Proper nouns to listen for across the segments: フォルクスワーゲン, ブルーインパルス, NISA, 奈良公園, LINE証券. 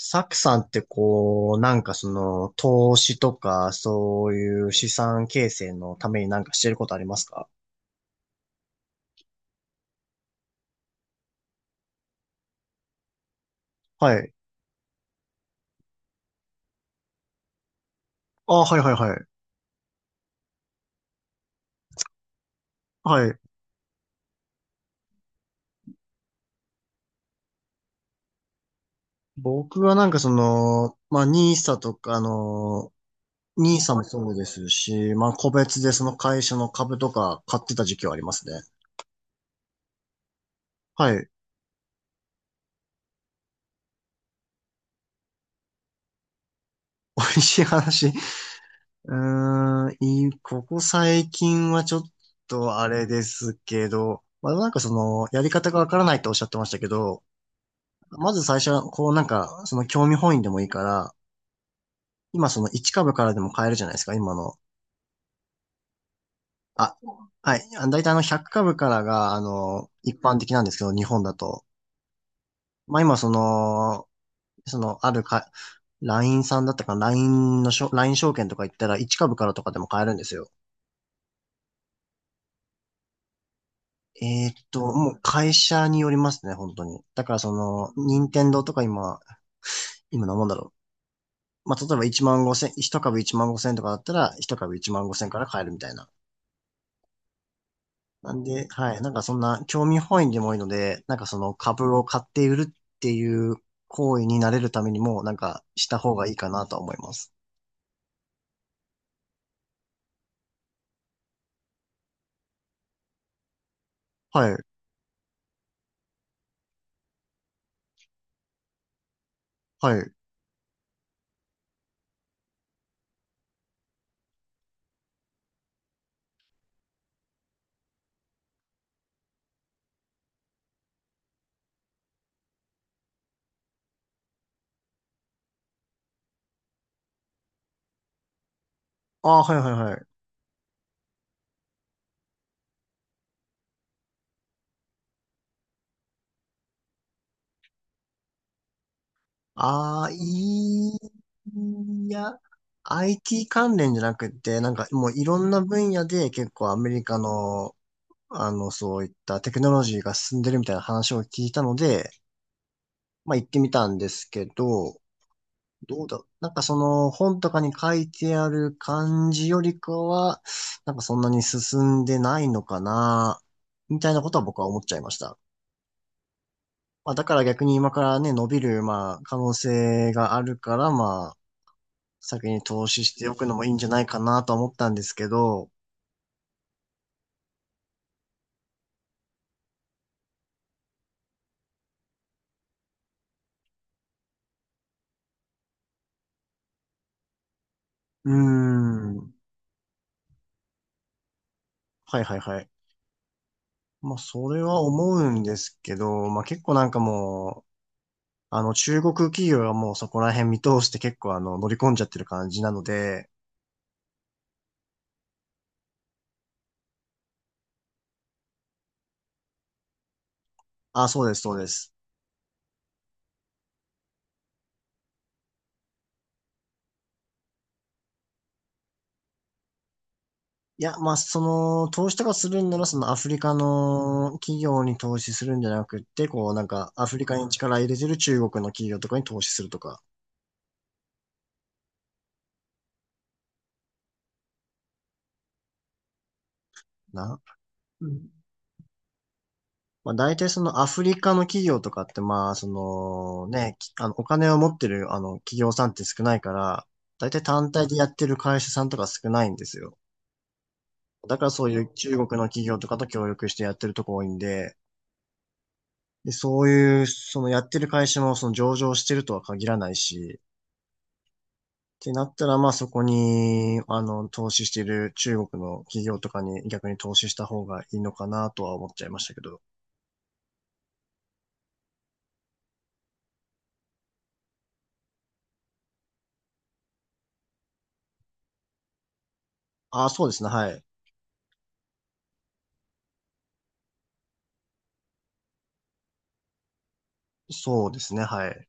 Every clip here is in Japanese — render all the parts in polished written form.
サクさんってこう、投資とか、そういう資産形成のためになんかしてることありますか？はい。あ、はいはいはい。はい。僕はまあ、ニーサとか、あの、ニーサもそうですし、まあ、個別でその会社の株とか買ってた時期はありますね。はい。美味しい話。うーん、ここ最近はちょっとあれですけど、まあ、やり方がわからないっておっしゃってましたけど、まず最初は、その興味本位でもいいから、今その1株からでも買えるじゃないですか、今の。あ、はい。あ、大体100株からが、一般的なんですけど、日本だと。まあ今その、その、あるか、LINE さんだったかな、LINE のしょ、LIN 証券とか行ったら1株からとかでも買えるんですよ。もう会社によりますね、本当に。だからその、任天堂とか今何もんだろう。まあ、例えば1万5千、1株1万5千とかだったら、1株1万5千から買えるみたいな。なんで、はい。なんかそんな興味本位でもいいので、なんかその株を買って売るっていう行為になれるためにも、なんかした方がいいかなとは思います。はい。はい。ああ、はいはいはい。ああ、いいや、IT 関連じゃなくて、なんかもういろんな分野で結構アメリカの、そういったテクノロジーが進んでるみたいな話を聞いたので、まあ行ってみたんですけど、どうだろう。なんかその本とかに書いてある感じよりかは、なんかそんなに進んでないのかな、みたいなことは僕は思っちゃいました。まあだから逆に今からね、伸びる、まあ可能性があるから、まあ先に投資しておくのもいいんじゃないかなとは思ったんですけど、うーん。はいはいはい。まあそれは思うんですけど、まあ結構なんかもう、あの中国企業はもうそこら辺見通して結構あの乗り込んじゃってる感じなので、あ、そうです、そうです。いや、まあ、その、投資とかするんなら、そのアフリカの企業に投資するんじゃなくって、こう、なんか、アフリカに力入れてる中国の企業とかに投資するとか、な。うん。まあ、大体そのアフリカの企業とかって、まあ、そのね、きあの、お金を持ってる、企業さんって少ないから、大体単体でやってる会社さんとか少ないんですよ。だからそういう中国の企業とかと協力してやってるとこ多いんで、で、そういう、そのやってる会社もその上場してるとは限らないし、てなったら、まあそこに、投資している中国の企業とかに逆に投資した方がいいのかなとは思っちゃいましたけど。ああ、そうですね、はい。そうですね、はい。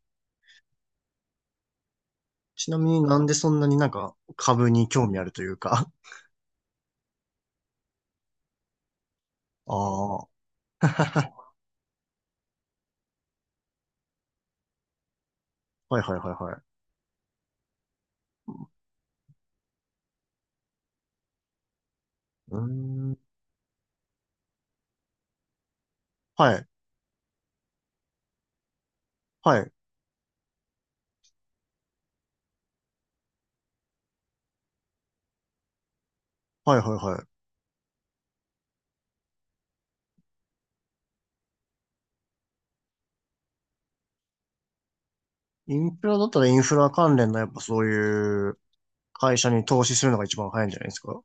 ちなみになんでそんなになんか株に興味あるというか。ああ。はいはいはいはい。うーん。はい。はい。はいはいはい。インフラだったらインフラ関連のやっぱそういう会社に投資するのが一番早いんじゃないですか。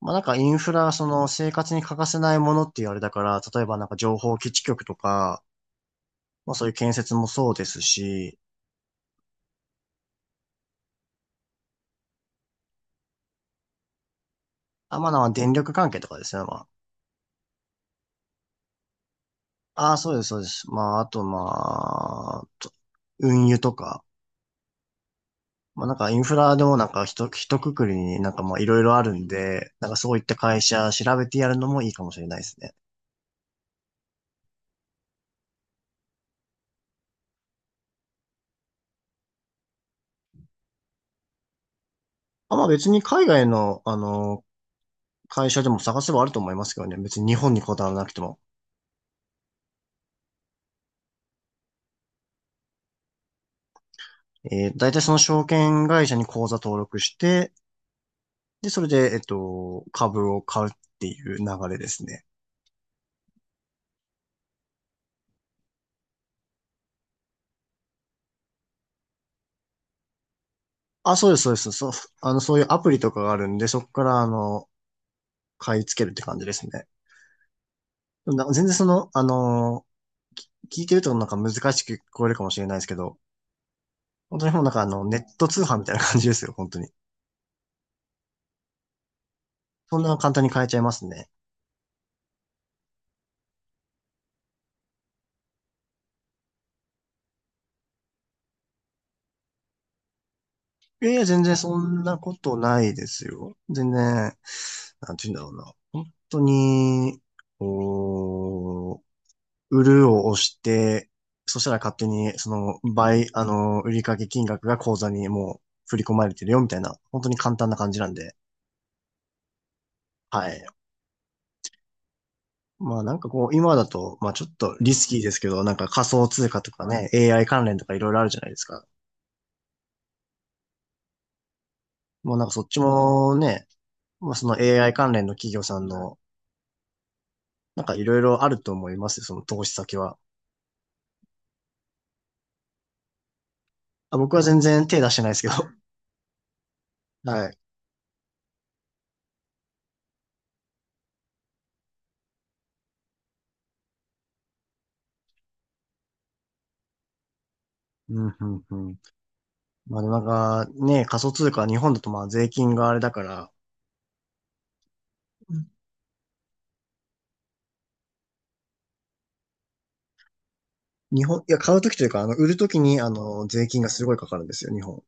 まあなんかインフラ、その生活に欠かせないものっていうあれだから、例えばなんか情報基地局とか、まあそういう建設もそうですし、あ、まあまあ電力関係とかですね、まあ。あ、そうです、そうです。まああとまあ、運輸とか、まあなんかインフラでもなんかひとくくりになんかまあいろいろあるんで、なんかそういった会社調べてやるのもいいかもしれないですね。あ、まあ別に海外の、会社でも探せばあると思いますけどね。別に日本にこだわらなくても。大体その証券会社に口座登録して、で、それで、株を買うっていう流れですね。あ、そうです、そうです。そう、そういうアプリとかがあるんで、そこから、買い付けるって感じですね。でもなんか全然その、聞いてるとなんか難しく聞こえるかもしれないですけど、本当にもうなんかあの、ネット通販みたいな感じですよ、本当に。そんな簡単に買えちゃいますね。いやいや、全然そんなことないですよ。全然、なんて言うんだろうな。本当に、おー売るを押して、そしたら勝手に、その、倍、あの、売掛金額が口座にもう振り込まれてるよ、みたいな、本当に簡単な感じなんで、はい。まあなんかこう、今だと、まあちょっとリスキーですけど、なんか仮想通貨とかね、AI 関連とかいろいろあるじゃないですか。もうなんかそっちもね、まあその AI 関連の企業さんの、なんかいろいろあると思いますよ、その投資先は。あ、僕は全然手出してないですけど。はい。うん、うん、うん。まあでもなんかね、仮想通貨は日本だとまあ税金があれだから、うん、いや、買うときというか、売るときに、税金がすごいかかるんですよ、日本。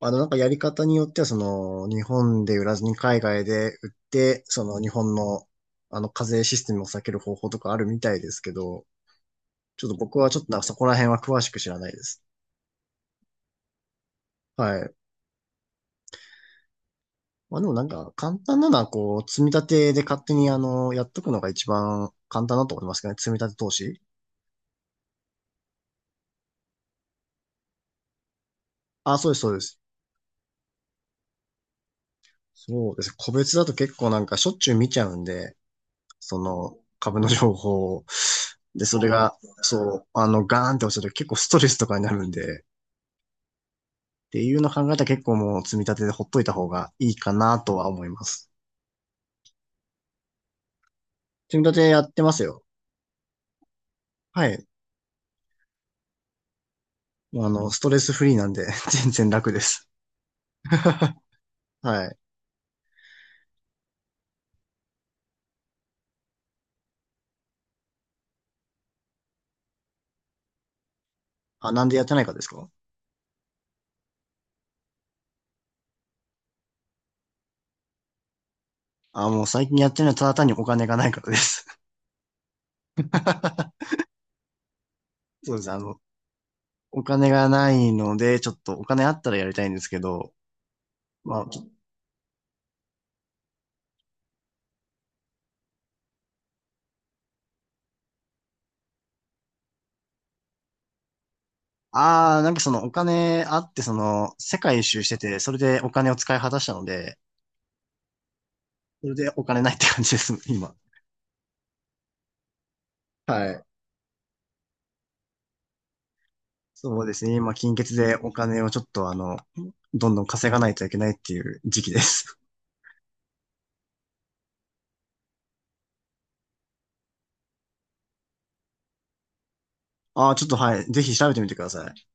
なんかやり方によっては、その、日本で売らずに海外で売って、その、日本の、課税システムを避ける方法とかあるみたいですけど、ちょっと僕はちょっとなんかそこら辺は詳しく知らないです。はい。まあでもなんか、簡単なのは、こう、積み立てで勝手に、やっとくのが一番簡単だと思いますけどね、積み立て投資。あ、そうです、そうです。そうです。個別だと結構なんかしょっちゅう見ちゃうんで、その株の情報を。で、それが、そう、ガーンって落ちると結構ストレスとかになるんで、っていうのを考えたら結構もう積み立てでほっといた方がいいかなとは思います。積み立てやってますよ。はい。ストレスフリーなんで 全然楽です。はい。あ、なんでやってないかですかあ？もう最近やってるのはただ単にお金がないからです。そうです。お金がないので、ちょっとお金あったらやりたいんですけど、まあ、ああ、なんかそのお金あって、その世界一周してて、それでお金を使い果たしたので、それでお金ないって感じです、今。はい。そうですね、今、金欠でお金をちょっとあの、どんどん稼がないといけないっていう時期です。ああ、ちょっとはい、ぜひ調べてみてください。